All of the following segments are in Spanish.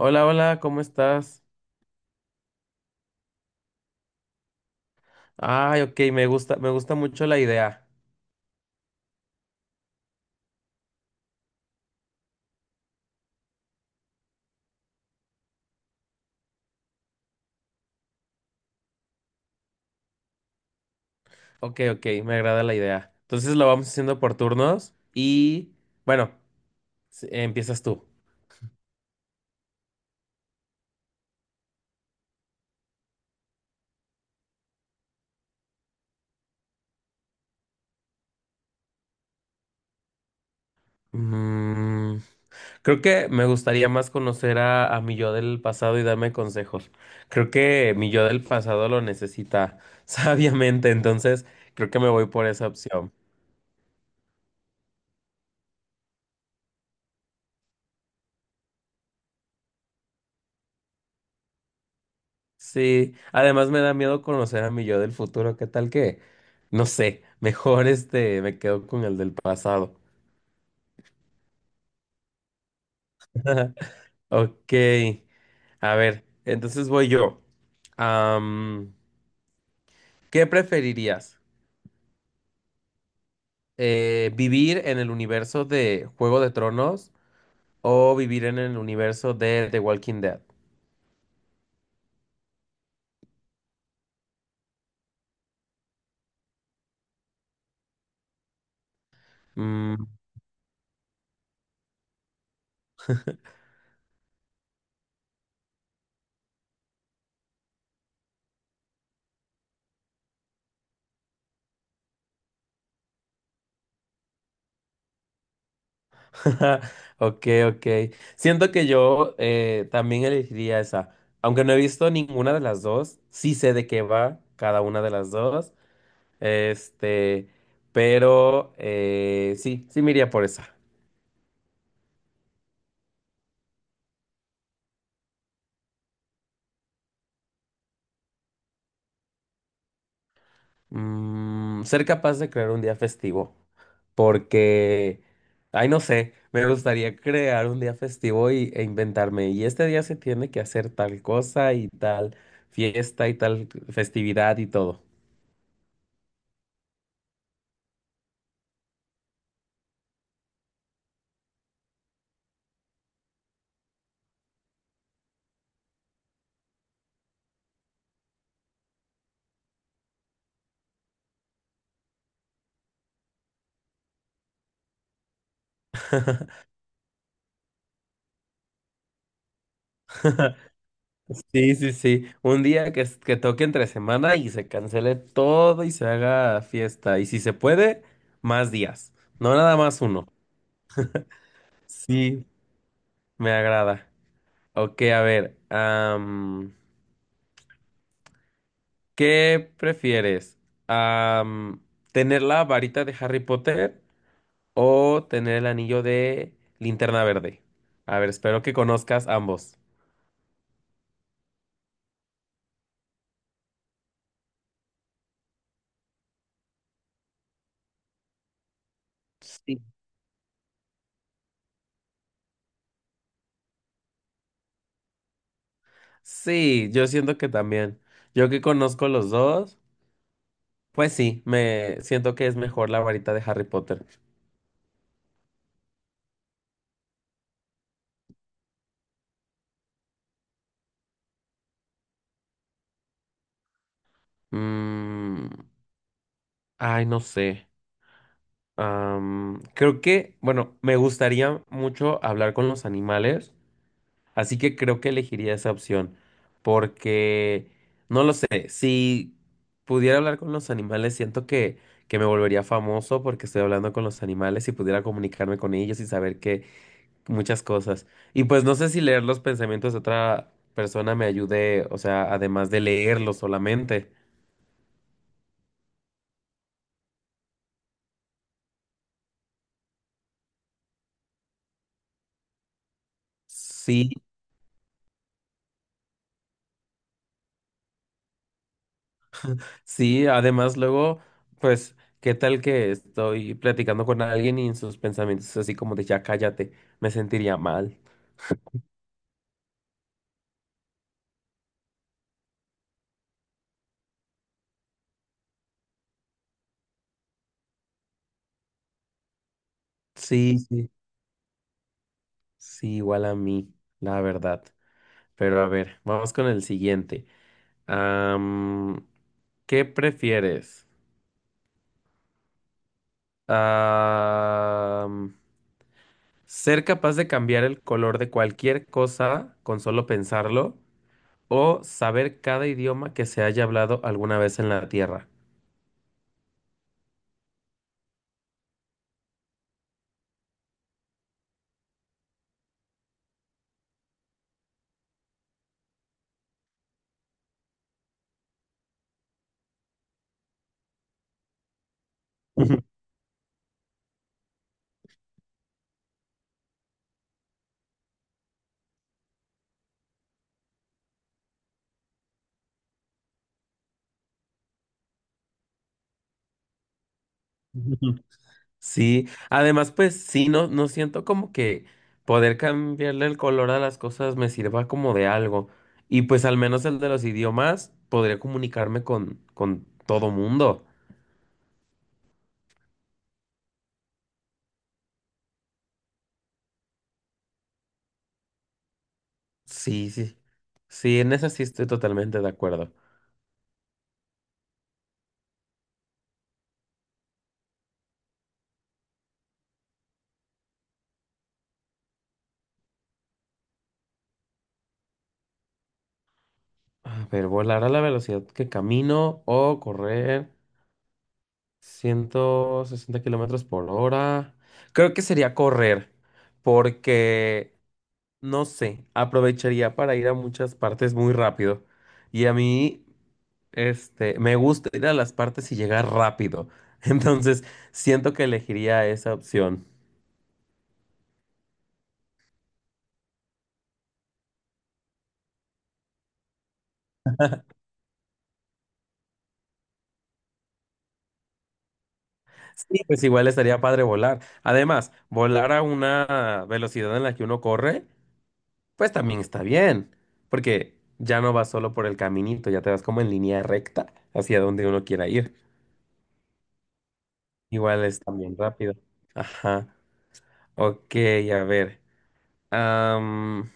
Hola, hola, ¿cómo estás? Ay, ok, me gusta mucho la idea. Ok, ok, me agrada la idea. Entonces lo vamos haciendo por turnos y, bueno, empiezas tú. Mm, creo que me gustaría más conocer a mi yo del pasado y darme consejos. Creo que mi yo del pasado lo necesita sabiamente, entonces creo que me voy por esa opción. Sí, además me da miedo conocer a mi yo del futuro. ¿Qué tal que? No sé, mejor este, me quedo con el del pasado. Ok, a ver, entonces voy yo. Am, ¿Qué preferirías? ¿Vivir en el universo de Juego de Tronos o vivir en el universo de The Walking Dead? Mm. Ok, ok. Siento que yo también elegiría esa. Aunque no he visto ninguna de las dos, sí sé de qué va cada una de las dos. Este, pero sí, sí me iría por esa. Mm, ser capaz de crear un día festivo. Porque, ay, no sé, me gustaría crear un día festivo y, e inventarme. Y este día se tiene que hacer tal cosa y tal fiesta y tal festividad y todo. Sí, sí, sí. Un día que, que toque entre semana y se cancele todo y se haga fiesta. Y si se puede, más días. No nada más uno. Sí, me agrada. Ok, a ver. ¿Qué prefieres? Am, ¿Tener la varita de Harry Potter o tener el anillo de Linterna Verde? A ver, espero que conozcas ambos. Sí. Sí, yo siento que también. Yo que conozco los dos. Pues sí, me siento que es mejor la varita de Harry Potter. Mm, ay, no sé. Creo que, bueno, me gustaría mucho hablar con los animales, así que creo que elegiría esa opción, porque, no lo sé, si pudiera hablar con los animales, siento que me volvería famoso porque estoy hablando con los animales y pudiera comunicarme con ellos y saber qué, muchas cosas. Y pues no sé si leer los pensamientos de otra persona me ayude, o sea, además de leerlos solamente. Sí, sí, además luego, pues, ¿qué tal que estoy platicando con alguien y en sus pensamientos es así como de ya cállate? Me sentiría mal. Sí, sí, sí, igual a mí, la verdad. Pero a ver, vamos con el siguiente. Am, ¿Qué prefieres? Ah... Ser capaz de cambiar el color de cualquier cosa con solo pensarlo o saber cada idioma que se haya hablado alguna vez en la Tierra. Ujú, ujú. Sí, además pues sí, no, no siento como que poder cambiarle el color a las cosas me sirva como de algo. Y pues al menos el de los idiomas podría comunicarme con todo mundo. Sí, sí. Sí, en eso sí estoy totalmente de acuerdo. A ver, volar a la velocidad que camino o correr. 160 kilómetros por hora. Creo que sería correr, porque no sé, aprovecharía para ir a muchas partes muy rápido. Y a mí, este, me gusta ir a las partes y llegar rápido. Entonces, siento que elegiría esa opción. Sí, pues igual estaría padre volar. Además, volar a una velocidad en la que uno corre, pues también está bien, porque ya no vas solo por el caminito, ya te vas como en línea recta hacia donde uno quiera ir. Igual es también rápido. Ajá. Ok, a ver. Am,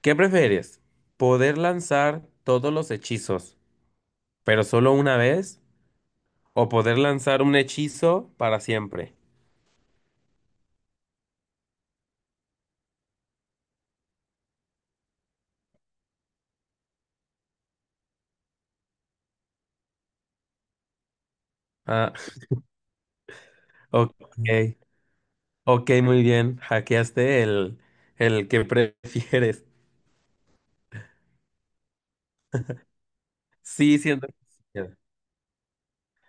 ¿Qué prefieres? ¿Poder lanzar todos los hechizos, pero solo una vez? ¿O poder lanzar un hechizo para siempre? Ah, ok. Ok, muy bien. Hackeaste el que prefieres. Sí, siento que sí.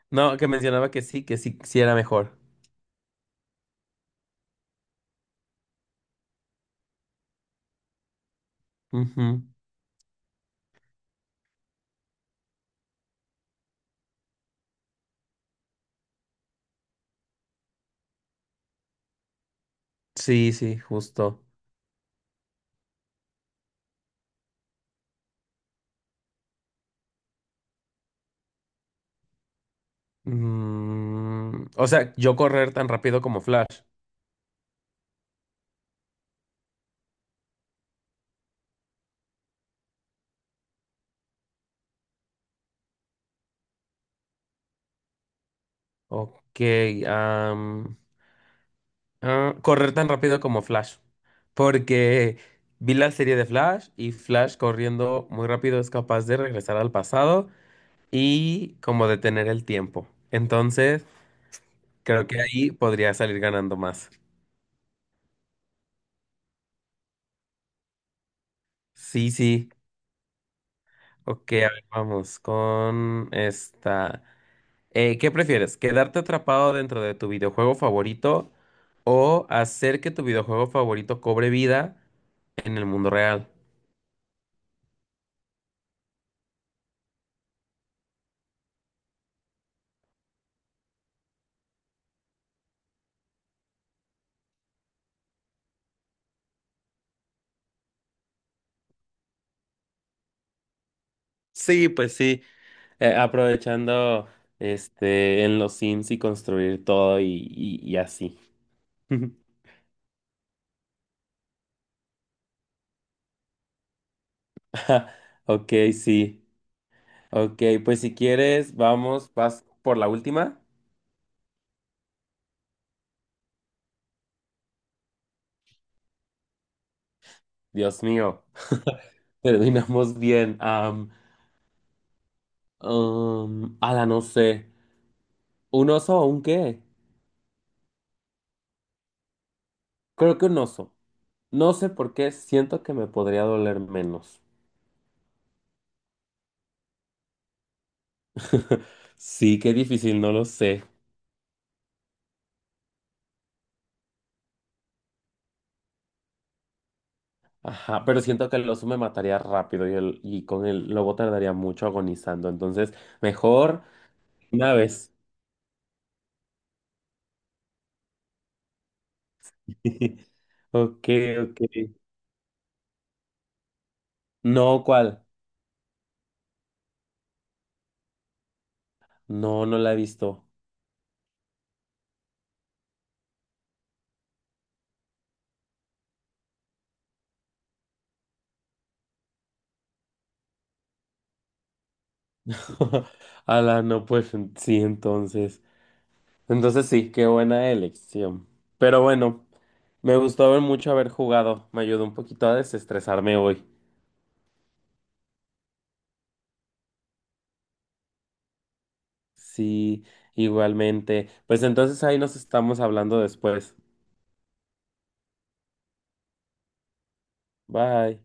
No, que mencionaba que sí, sí era mejor. Ujú. Sí, sí, justo. Mm, o sea, yo correr tan rápido como Flash. Ok, am, correr tan rápido como Flash, porque vi la serie de Flash y Flash corriendo muy rápido es capaz de regresar al pasado y como detener el tiempo. Entonces, creo que ahí podría salir ganando más. Sí, sí. Ok, a ver, vamos con esta. ¿Qué prefieres? ¿Quedarte atrapado dentro de tu videojuego favorito o hacer que tu videojuego favorito cobre vida en el mundo real? Sí, pues sí, aprovechando este en los Sims y construir todo y así. Ok, sí. Ok, pues si quieres, vamos, vas por la última. Dios mío, terminamos bien. Ala, no sé. ¿Un oso o un qué? Creo que un oso. No sé por qué, siento que me podría doler menos. Sí, qué difícil, no lo sé. Ajá, pero siento que el oso me mataría rápido y, el, y con el lobo tardaría mucho agonizando. Entonces, mejor una vez. Ok, ok. No, ¿cuál? No, no la he visto. Ala, no, pues sí, entonces. Entonces sí, qué buena elección. Pero bueno, me gustó ver mucho haber jugado. Me ayudó un poquito a desestresarme hoy. Sí, igualmente. Pues entonces ahí nos estamos hablando después. Bye.